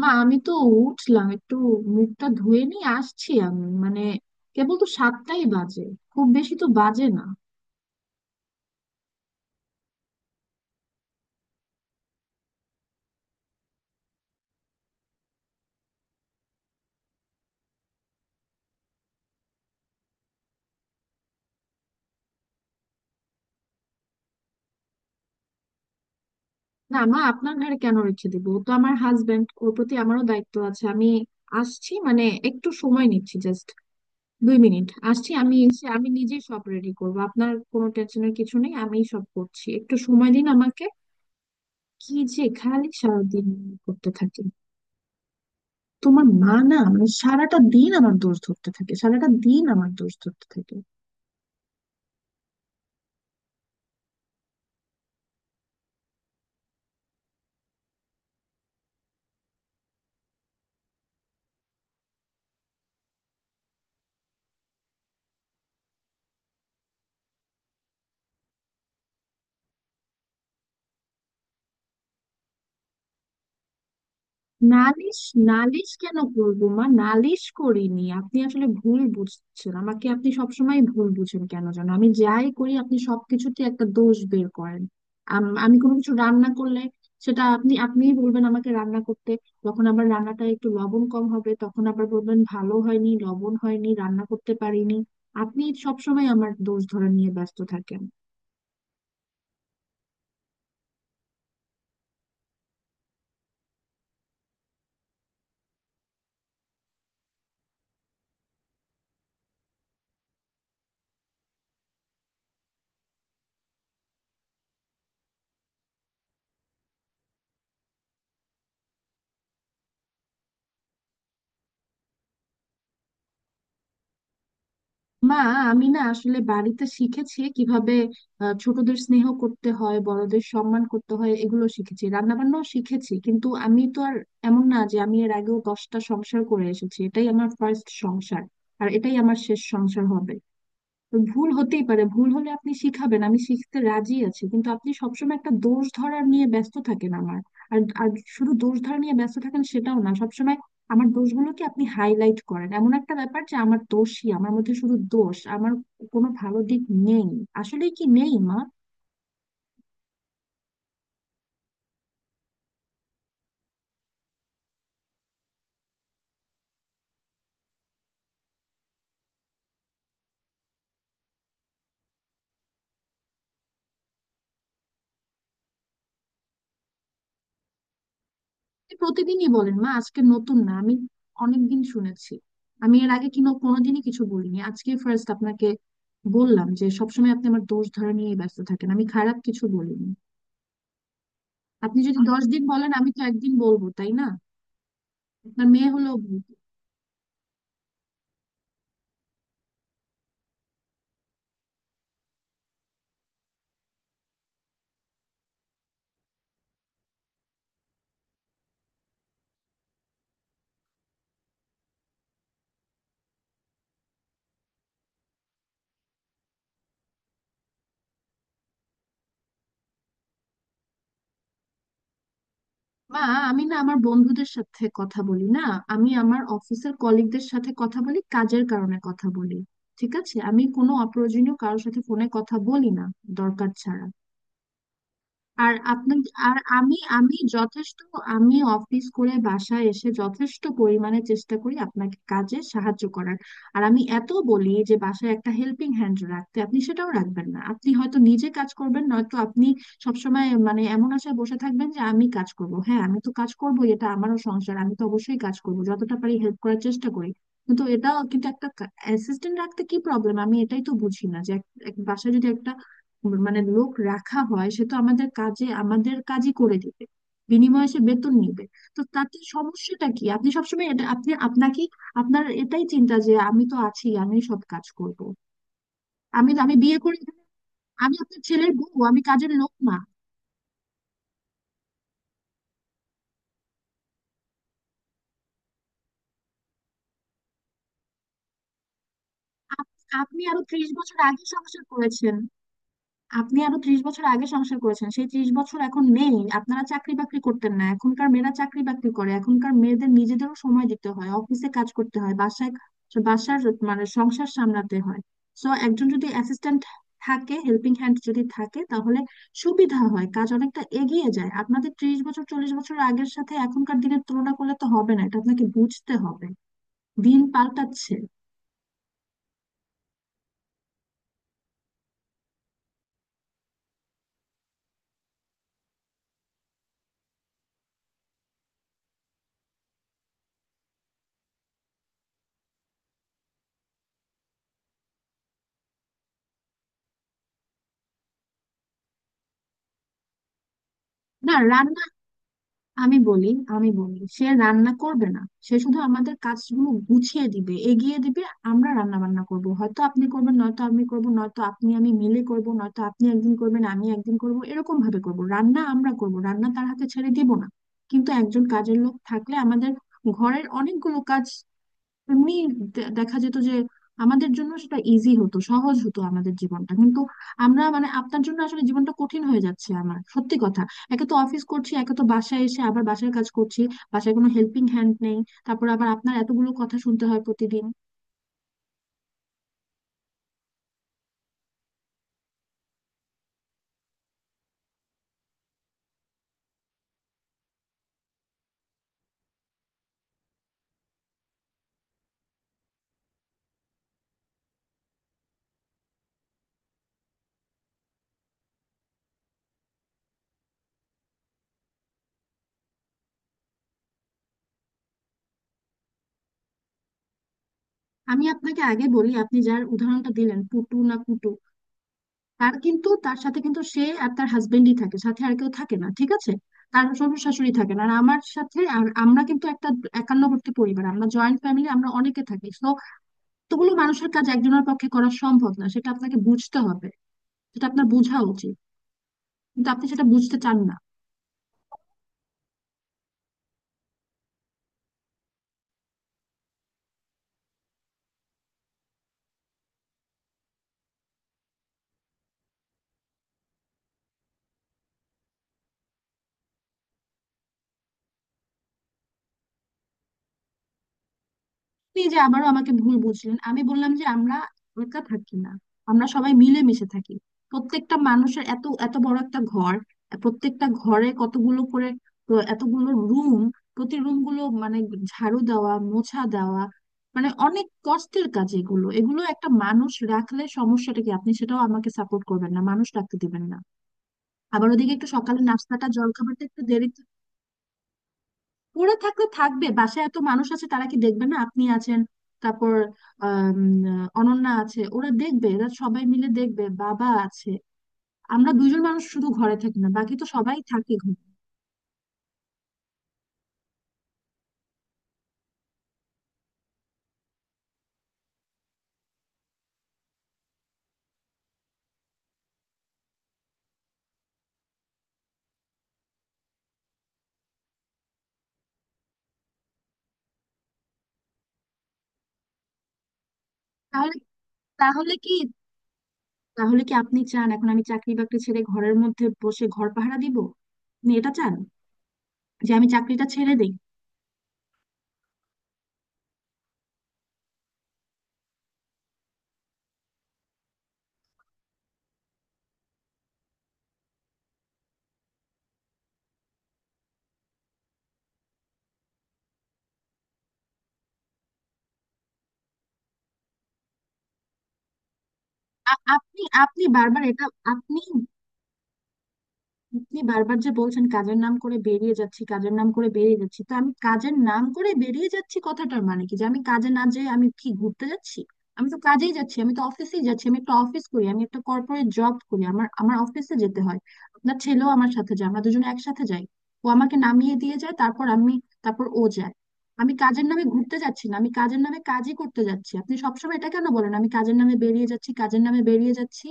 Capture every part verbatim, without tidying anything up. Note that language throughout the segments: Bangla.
মা, আমি তো উঠলাম একটু, মুখটা ধুয়ে নিয়ে আসছি। আমি মানে কেবল তো সাতটাই বাজে, খুব বেশি তো বাজে না। না মা, আপনার ঘরে কেন রেখে দিব? ও তো আমার হাজবেন্ড, ওর প্রতি আমারও দায়িত্ব আছে। আমি আসছি, মানে একটু সময় নিচ্ছি, জাস্ট দুই মিনিট। আসছি, আমি এসে আমি নিজেই সব রেডি করব, আপনার কোনো টেনশনের কিছু নেই, আমিই সব করছি, একটু সময় দিন আমাকে। কি যে খালি সারাদিন করতে থাকি। তোমার মা না, মানে সারাটা দিন আমার দোষ ধরতে থাকে, সারাটা দিন আমার দোষ ধরতে থাকে। নালিশ? নালিশ কেন করবো মা? নালিশ করিনি। আপনি আসলে ভুল বুঝছেন আমাকে, আপনি সবসময় ভুল বুঝেন। কেন যেন আমি যাই করি আপনি সবকিছুতে একটা দোষ বের করেন। আম- আমি কোনো কিছু রান্না করলে সেটা আপনি, আপনিই বলবেন আমাকে রান্না করতে। যখন আবার রান্নাটা একটু লবণ কম হবে তখন আবার বলবেন ভালো হয়নি, লবণ হয়নি, রান্না করতে পারিনি। আপনি সবসময় আমার দোষ ধরে নিয়ে ব্যস্ত থাকেন। মা, আমি না আসলে বাড়িতে শিখেছি কিভাবে আহ, ছোটদের স্নেহ করতে হয়, বড়দের সম্মান করতে হয়, এগুলো শিখেছি। রান্না বান্নাও শিখেছি। কিন্তু আমি তো আর এমন না যে আমি এর আগেও দশটা সংসার করে এসেছি। এটাই আমার ফার্স্ট সংসার, আর এটাই আমার শেষ সংসার হবে। ভুল হতেই পারে, ভুল হলে আপনি শিখাবেন, আমি শিখতে রাজি আছি। কিন্তু আপনি সবসময় একটা দোষ ধরা নিয়ে ব্যস্ত থাকেন আমার। আর আর শুধু দোষ ধরা নিয়ে ব্যস্ত থাকেন সেটাও না, সবসময় আমার দোষগুলোকে আপনি হাইলাইট করেন। এমন একটা ব্যাপার যে আমার দোষই, আমার মধ্যে শুধু দোষ, আমার কোনো ভালো দিক নেই। আসলে কি নেই মা? আপনি প্রতিদিনই বলেন মা, আজকে নতুন না, আমি অনেকদিন শুনেছি। আমি এর আগে কিনো কোনোদিনই কিছু বলিনি, আজকে ফার্স্ট আপনাকে বললাম যে সবসময় আপনি আমার দোষ ধরা নিয়ে ব্যস্ত থাকেন। আমি খারাপ কিছু বলিনি। আপনি যদি দশ দিন বলেন আমি তো একদিন বলবো, তাই না? আপনার মেয়ে হলো। মা, আমি না আমার বন্ধুদের সাথে কথা বলি না, আমি আমার অফিসের কলিগদের সাথে কথা বলি, কাজের কারণে কথা বলি। ঠিক আছে? আমি কোনো অপ্রয়োজনীয় কারোর সাথে ফোনে কথা বলি না, দরকার ছাড়া। আর আপনি, আর আমি আমি যথেষ্ট, আমি অফিস করে বাসায় এসে যথেষ্ট পরিমাণে চেষ্টা করি আপনাকে কাজে সাহায্য করার। আর আমি এত বলি যে বাসায় একটা হেল্পিং হ্যান্ড রাখতে, আপনি সেটাও রাখবেন না। আপনি হয়তো নিজে কাজ করবেন, নয়তো আপনি সবসময় মানে এমন আশায় বসে থাকবেন যে আমি কাজ করব। হ্যাঁ আমি তো কাজ করবো, এটা আমারও সংসার, আমি তো অবশ্যই কাজ করব, যতটা পারি হেল্প করার চেষ্টা করি। কিন্তু এটা কিন্তু একটা অ্যাসিস্ট্যান্ট রাখতে কি প্রবলেম? আমি এটাই তো বুঝি না যে এক- এক- বাসায় যদি একটা মানে লোক রাখা হয়, সে তো আমাদের কাজে, আমাদের কাজই করে দিবে, বিনিময়ে সে বেতন নিবে। তো তাতে সমস্যাটা কি? আপনি সবসময় এটা আপনি, আপনাকে, আপনার এটাই চিন্তা যে আমি তো আছি, আমি সব কাজ করব। আমি আমি বিয়ে করি, আমি আপনার ছেলের বউ, আমি কাজের লোক না। আপ- আপনি আরো ত্রিশ বছর আগে সংসার করেছেন, আপনি আরো ত্রিশ বছর আগে সংসার করেছেন। সেই ত্রিশ বছর এখন নেই। আপনারা চাকরি বাকরি করতেন না, এখনকার মেয়েরা চাকরি বাকরি করে, এখনকার মেয়েদের নিজেদেরও সময় দিতে হয়, অফিসে কাজ করতে হয়, বাসায় বাসার মানে সংসার সামলাতে হয়। সো একজন যদি অ্যাসিস্ট্যান্ট থাকে, হেল্পিং হ্যান্ড যদি থাকে তাহলে সুবিধা হয়, কাজ অনেকটা এগিয়ে যায়। আপনাদের ত্রিশ বছর চল্লিশ বছর আগের সাথে এখনকার দিনের তুলনা করলে তো হবে না, এটা আপনাকে বুঝতে হবে। দিন পাল্টাচ্ছে। না, রান্না, আমি বলি আমি বলি সে রান্না করবে না, সে শুধু আমাদের কাজগুলো গুছিয়ে দিবে, এগিয়ে দিবে। আমরা রান্না বান্না করব, হয়তো আপনি করবেন, নয়তো আমি করব, নয়তো আপনি আমি মিলে করব, নয়তো আপনি একদিন করবেন, আমি একদিন করব, এরকম ভাবে করব, রান্না আমরা করব, রান্না তার হাতে ছেড়ে দিব না। কিন্তু একজন কাজের লোক থাকলে আমাদের ঘরের অনেকগুলো কাজ এমনি দে- দেখা যেত যে আমাদের জন্য সেটা ইজি হতো, সহজ হতো আমাদের জীবনটা। কিন্তু আমরা মানে আপনার জন্য আসলে জীবনটা কঠিন হয়ে যাচ্ছে আমার, সত্যি কথা। একে তো অফিস করছি, একে তো বাসায় এসে আবার বাসার কাজ করছি, বাসায় কোনো হেল্পিং হ্যান্ড নেই, তারপর আবার আপনার এতগুলো কথা শুনতে হয় প্রতিদিন। আমি আপনাকে আগে বলি, আপনি যার উদাহরণটা দিলেন, পুটু না পুটু, তার কিন্তু, তার সাথে কিন্তু সে আর তার হাজবেন্ডই থাকে, সাথে আর কেউ থাকে না, ঠিক আছে? তার শ্বশুর শাশুড়ি থাকে না, আর আমার সাথে, আর আমরা কিন্তু একটা একান্নবর্তী পরিবার, আমরা জয়েন্ট ফ্যামিলি, আমরা অনেকে থাকি। এতগুলো মানুষের কাজ একজনের পক্ষে করা সম্ভব না, সেটা আপনাকে বুঝতে হবে, সেটা আপনার বোঝা উচিত। কিন্তু আপনি সেটা বুঝতে চান না। আপনি যে আবারও আমাকে ভুল বুঝলেন। আমি বললাম যে আমরা একা থাকি না, আমরা সবাই মিলেমিশে থাকি। প্রত্যেকটা মানুষের এত এত বড় একটা ঘর, প্রত্যেকটা ঘরে কতগুলো করে, তো এতগুলো রুম, প্রতি রুম গুলো মানে ঝাড়ু দেওয়া, মোছা দেওয়া, মানে অনেক কষ্টের কাজ এগুলো। এগুলো একটা মানুষ রাখলে সমস্যাটা কি? আপনি সেটাও আমাকে সাপোর্ট করবেন না, মানুষ রাখতে দিবেন না। আবার ওদিকে একটু সকালে নাস্তাটা, জলখাবারটা একটু দেরি, পড়ে থাকলে থাকবে। বাসায় এত মানুষ আছে, তারা কি দেখবে না? আপনি আছেন, তারপর আম, অনন্যা আছে, ওরা দেখবে, এরা সবাই মিলে দেখবে, বাবা আছে। আমরা দুজন মানুষ শুধু ঘরে থাকি না, বাকি তো সবাই থাকে ঘরে। তাহলে তাহলে কি তাহলে কি আপনি চান এখন আমি চাকরি বাকরি ছেড়ে ঘরের মধ্যে বসে ঘর পাহারা দিব? আপনি এটা চান যে আমি চাকরিটা ছেড়ে দিই? আ- আপনি আপনি বারবার এটা। আপনি আপনি বারবার যে বলছেন কাজের নাম করে বেরিয়ে যাচ্ছি, কাজের নাম করে বেরিয়ে যাচ্ছি, তো আমি কাজের নাম করে বেরিয়ে যাচ্ছি কথাটার মানে কি? যে আমি কাজে না যেয়ে আমি কি ঘুরতে যাচ্ছি? আমি তো কাজেই যাচ্ছি, আমি তো অফিসেই যাচ্ছি। আমি একটা অফিস করি, আমি একটা কর্পোরেট জব করি, আমার আমার অফিসে যেতে হয়। আপনার ছেলেও আমার সাথে যায়, আমরা দুজনে একসাথে যাই। ও আমাকে নামিয়ে দিয়ে যায়, তারপর আমি তারপর ও যায়। আমি কাজের নামে ঘুরতে যাচ্ছি না, আমি কাজের নামে কাজই করতে যাচ্ছি। আপনি সবসময় এটা কেন বলেন, আমি কাজের নামে বেরিয়ে যাচ্ছি, কাজের নামে বেরিয়ে যাচ্ছি।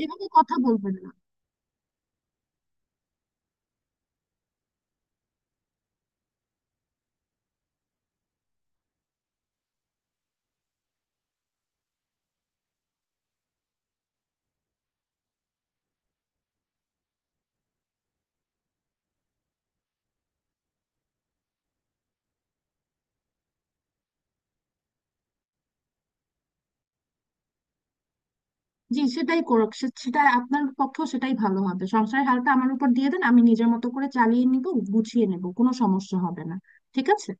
এইভাবে কথা বলবেন না। জি, সেটাই করুক, সে- সেটাই আপনার পক্ষেও সেটাই ভালো হবে। সংসারের হালটা আমার উপর দিয়ে দেন, আমি নিজের মতো করে চালিয়ে নিব, গুছিয়ে নেব, কোনো সমস্যা হবে না, ঠিক আছে?